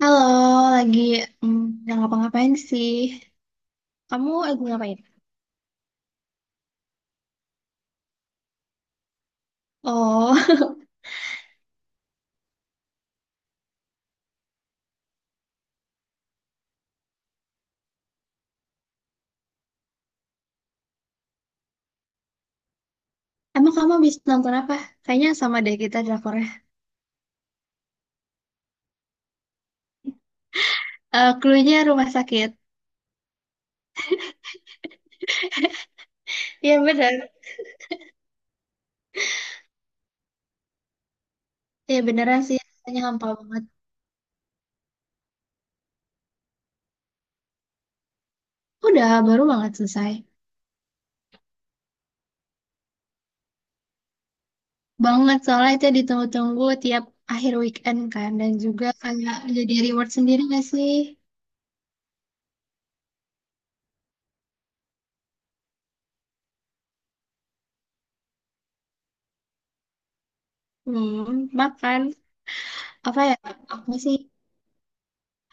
Halo, lagi nggak ngapa-ngapain sih. Kamu lagi ngapain? Oh, emang kamu habis nonton apa? Kayaknya sama deh kita drakornya. Eh, clue-nya rumah sakit. Iya bener. Iya beneran sih, kayaknya hampa banget. Udah, baru banget selesai. Banget, soalnya itu ditunggu-tunggu tiap akhir weekend kan. Dan juga kayak jadi reward sendiri gak sih? Hmm, makan. Apa ya? Apa sih?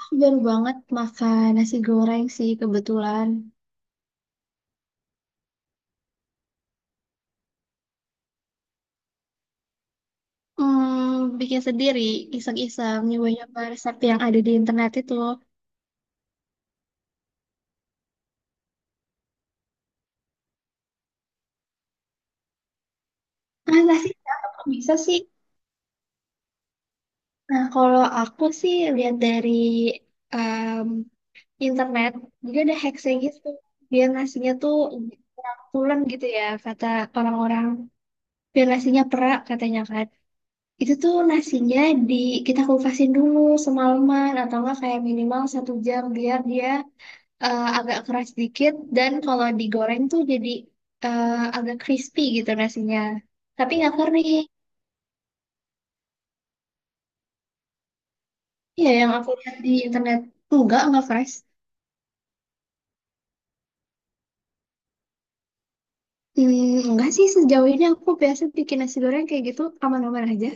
Aku baru banget makan nasi goreng sih kebetulan. Hmm, bikin sendiri, iseng-iseng, nyoba-nyoba resep yang ada di internet itu. Masa sih, kenapa kok bisa sih? Nah, kalau aku sih lihat dari em, internet, dia ada hacksnya gitu. Biar nasinya tuh pulen gitu ya, kata orang-orang. Biar nasinya perak katanya kan. Itu tuh nasinya di kita kupasin dulu semalaman atau enggak kayak minimal satu jam biar dia agak keras dikit dan kalau digoreng tuh jadi eh, agak crispy gitu nasinya. Tapi nggak kering. Iya, yang aku lihat di internet enggak nggak fresh. Hmm, enggak sih sejauh ini aku biasa bikin nasi goreng kayak gitu aman-aman aja.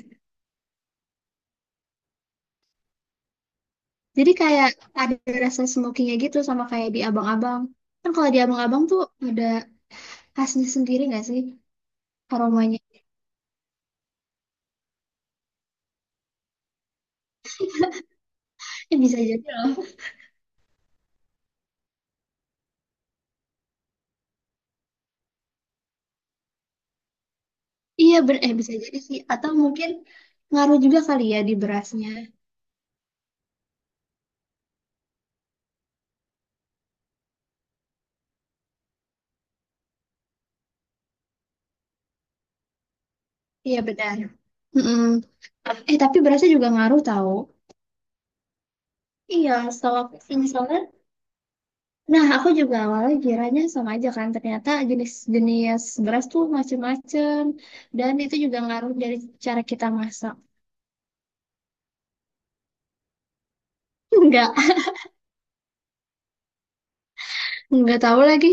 Jadi kayak ada rasa smokinya gitu sama kayak di abang-abang. Kan kalau di abang-abang tuh ada khasnya sendiri nggak sih aromanya? Eh, bisa jadi loh. Iya, ber eh bisa jadi sih. Atau mungkin ngaruh juga kali ya di berasnya. Iya benar. Mm-mm. Eh tapi berasnya juga ngaruh tahu. Iya, setahu aku sih misalnya, nah aku juga awalnya kiranya sama aja kan, ternyata jenis-jenis beras tuh macem-macem, dan itu juga ngaruh dari cara kita masak. Enggak, enggak tahu lagi.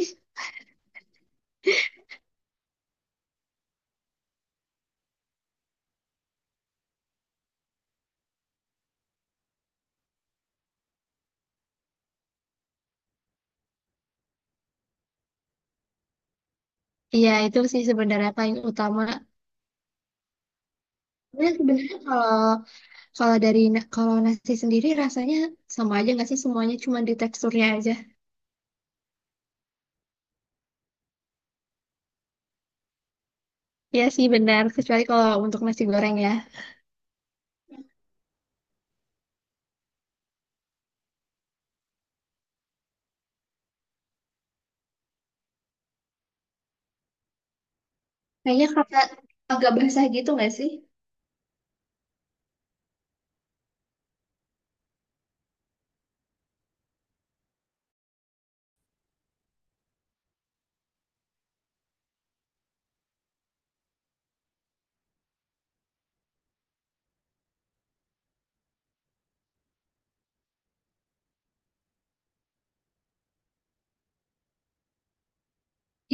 Iya itu sih sebenarnya paling utama. Dan sebenarnya kalau kalau dari na- kalau nasi sendiri rasanya sama aja nggak sih semuanya, cuma di teksturnya aja. Iya sih benar, kecuali kalau untuk nasi goreng ya. Kayaknya kayak agak basah gitu nggak sih?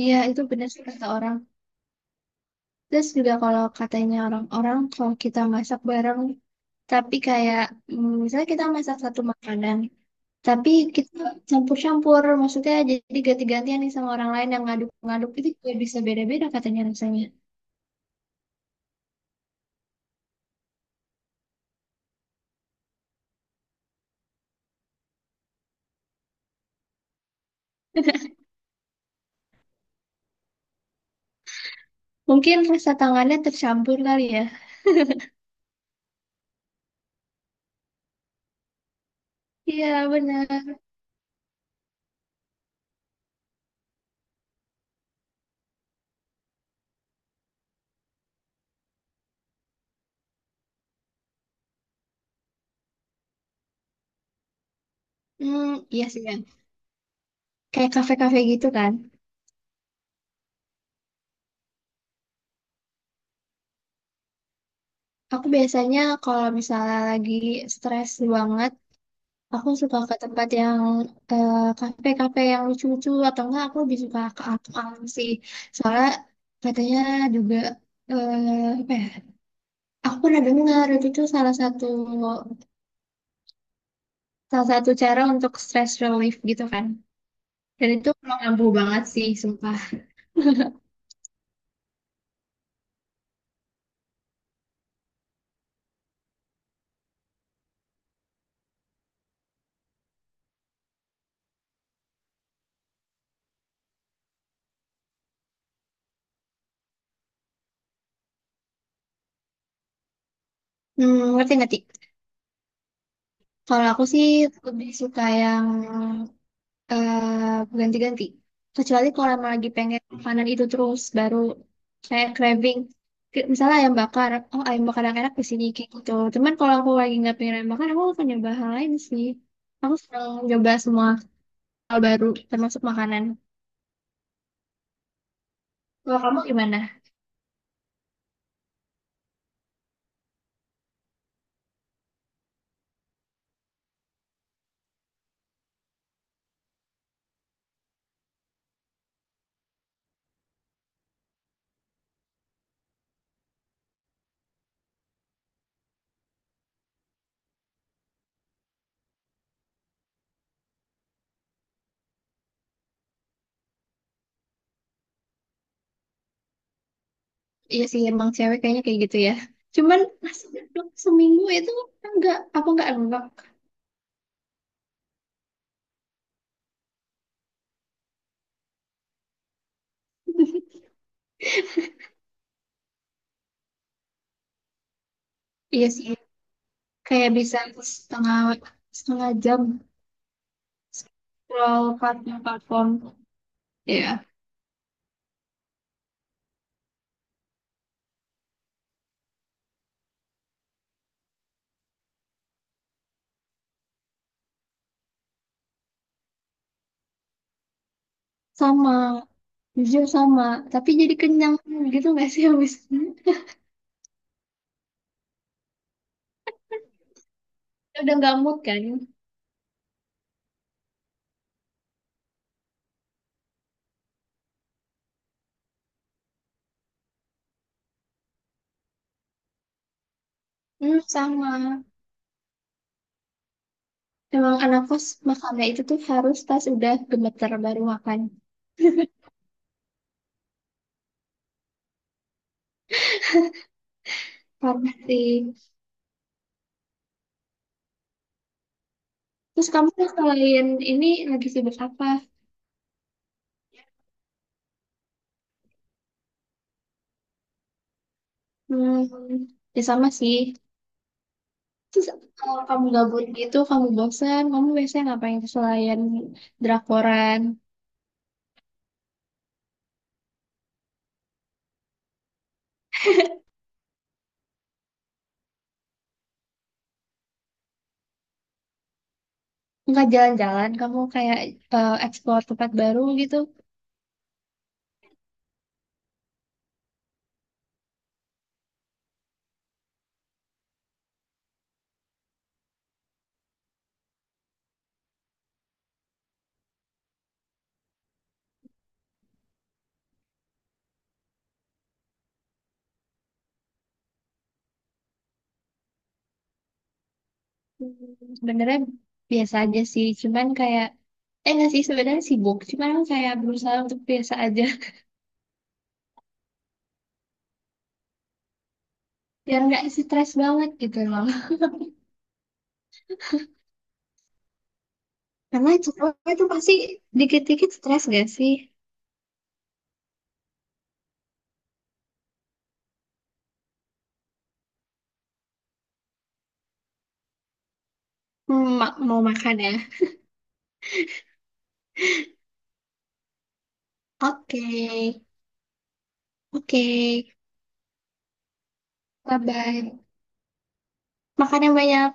Iya, itu benar sih kata orang. Terus juga kalau katanya orang-orang kalau kita masak bareng, tapi kayak misalnya kita masak satu makanan, tapi kita campur-campur, maksudnya jadi ganti-gantian nih sama orang lain yang ngaduk-ngaduk itu juga bisa beda-beda katanya rasanya. Mungkin rasa tangannya tercampur kali ya. Iya, benar. Hmm, iya sih kan. Kayak kafe-kafe gitu kan. Aku biasanya kalau misalnya lagi stres banget. Aku suka ke tempat yang eh, kafe-kafe yang lucu-lucu atau enggak aku lebih suka ke alam sih. Soalnya katanya juga apa ya? Aku pernah dengar itu tuh salah satu cara untuk stress relief gitu kan. Dan itu mengganggu banget sih, sumpah. Hmm, ngerti ngerti. Kalau aku sih lebih suka yang ganti-ganti. Kecuali kalau emang lagi pengen makanan itu terus, baru kayak craving. Kayak misalnya ayam bakar, oh ayam bakar yang enak di sini kayak gitu. Cuman kalau aku lagi nggak pengen ayam bakar, aku akan nyoba hal lain sih. Aku senang nyoba semua hal baru, termasuk makanan. Kalau kamu gimana? Iya sih, emang cewek kayaknya kayak gitu ya. Cuman nasi uduk seminggu itu enggak, aku enggak enggak. Iya sih, kayak bisa setengah setengah jam scroll platform-platform. Iya, sama, jujur sama. Tapi jadi kenyang gitu nggak sih habis ini? Udah nggak mood kan? Hmm, sama. Emang anak kos makannya itu tuh harus pas udah gemeter baru makan. Parah sih. Terus kamu tuh selain ini lagi sibuk apa? Hmm, ya sama sih. Terus kalau kamu gabut gitu, kamu bosan, kamu biasanya ngapain selain drakoran? Enggak jalan-jalan, kamu kayak explore tempat baru gitu. Hmm, sebenarnya biasa aja sih, cuman kayak nggak sih sebenarnya sibuk, cuman kayak berusaha untuk biasa aja, biar nggak stres banget gitu loh. Karena cowok itu pasti dikit-dikit stres gak sih? Hmm, mau makan ya? Oke, oke, bye bye. Makan yang banyak.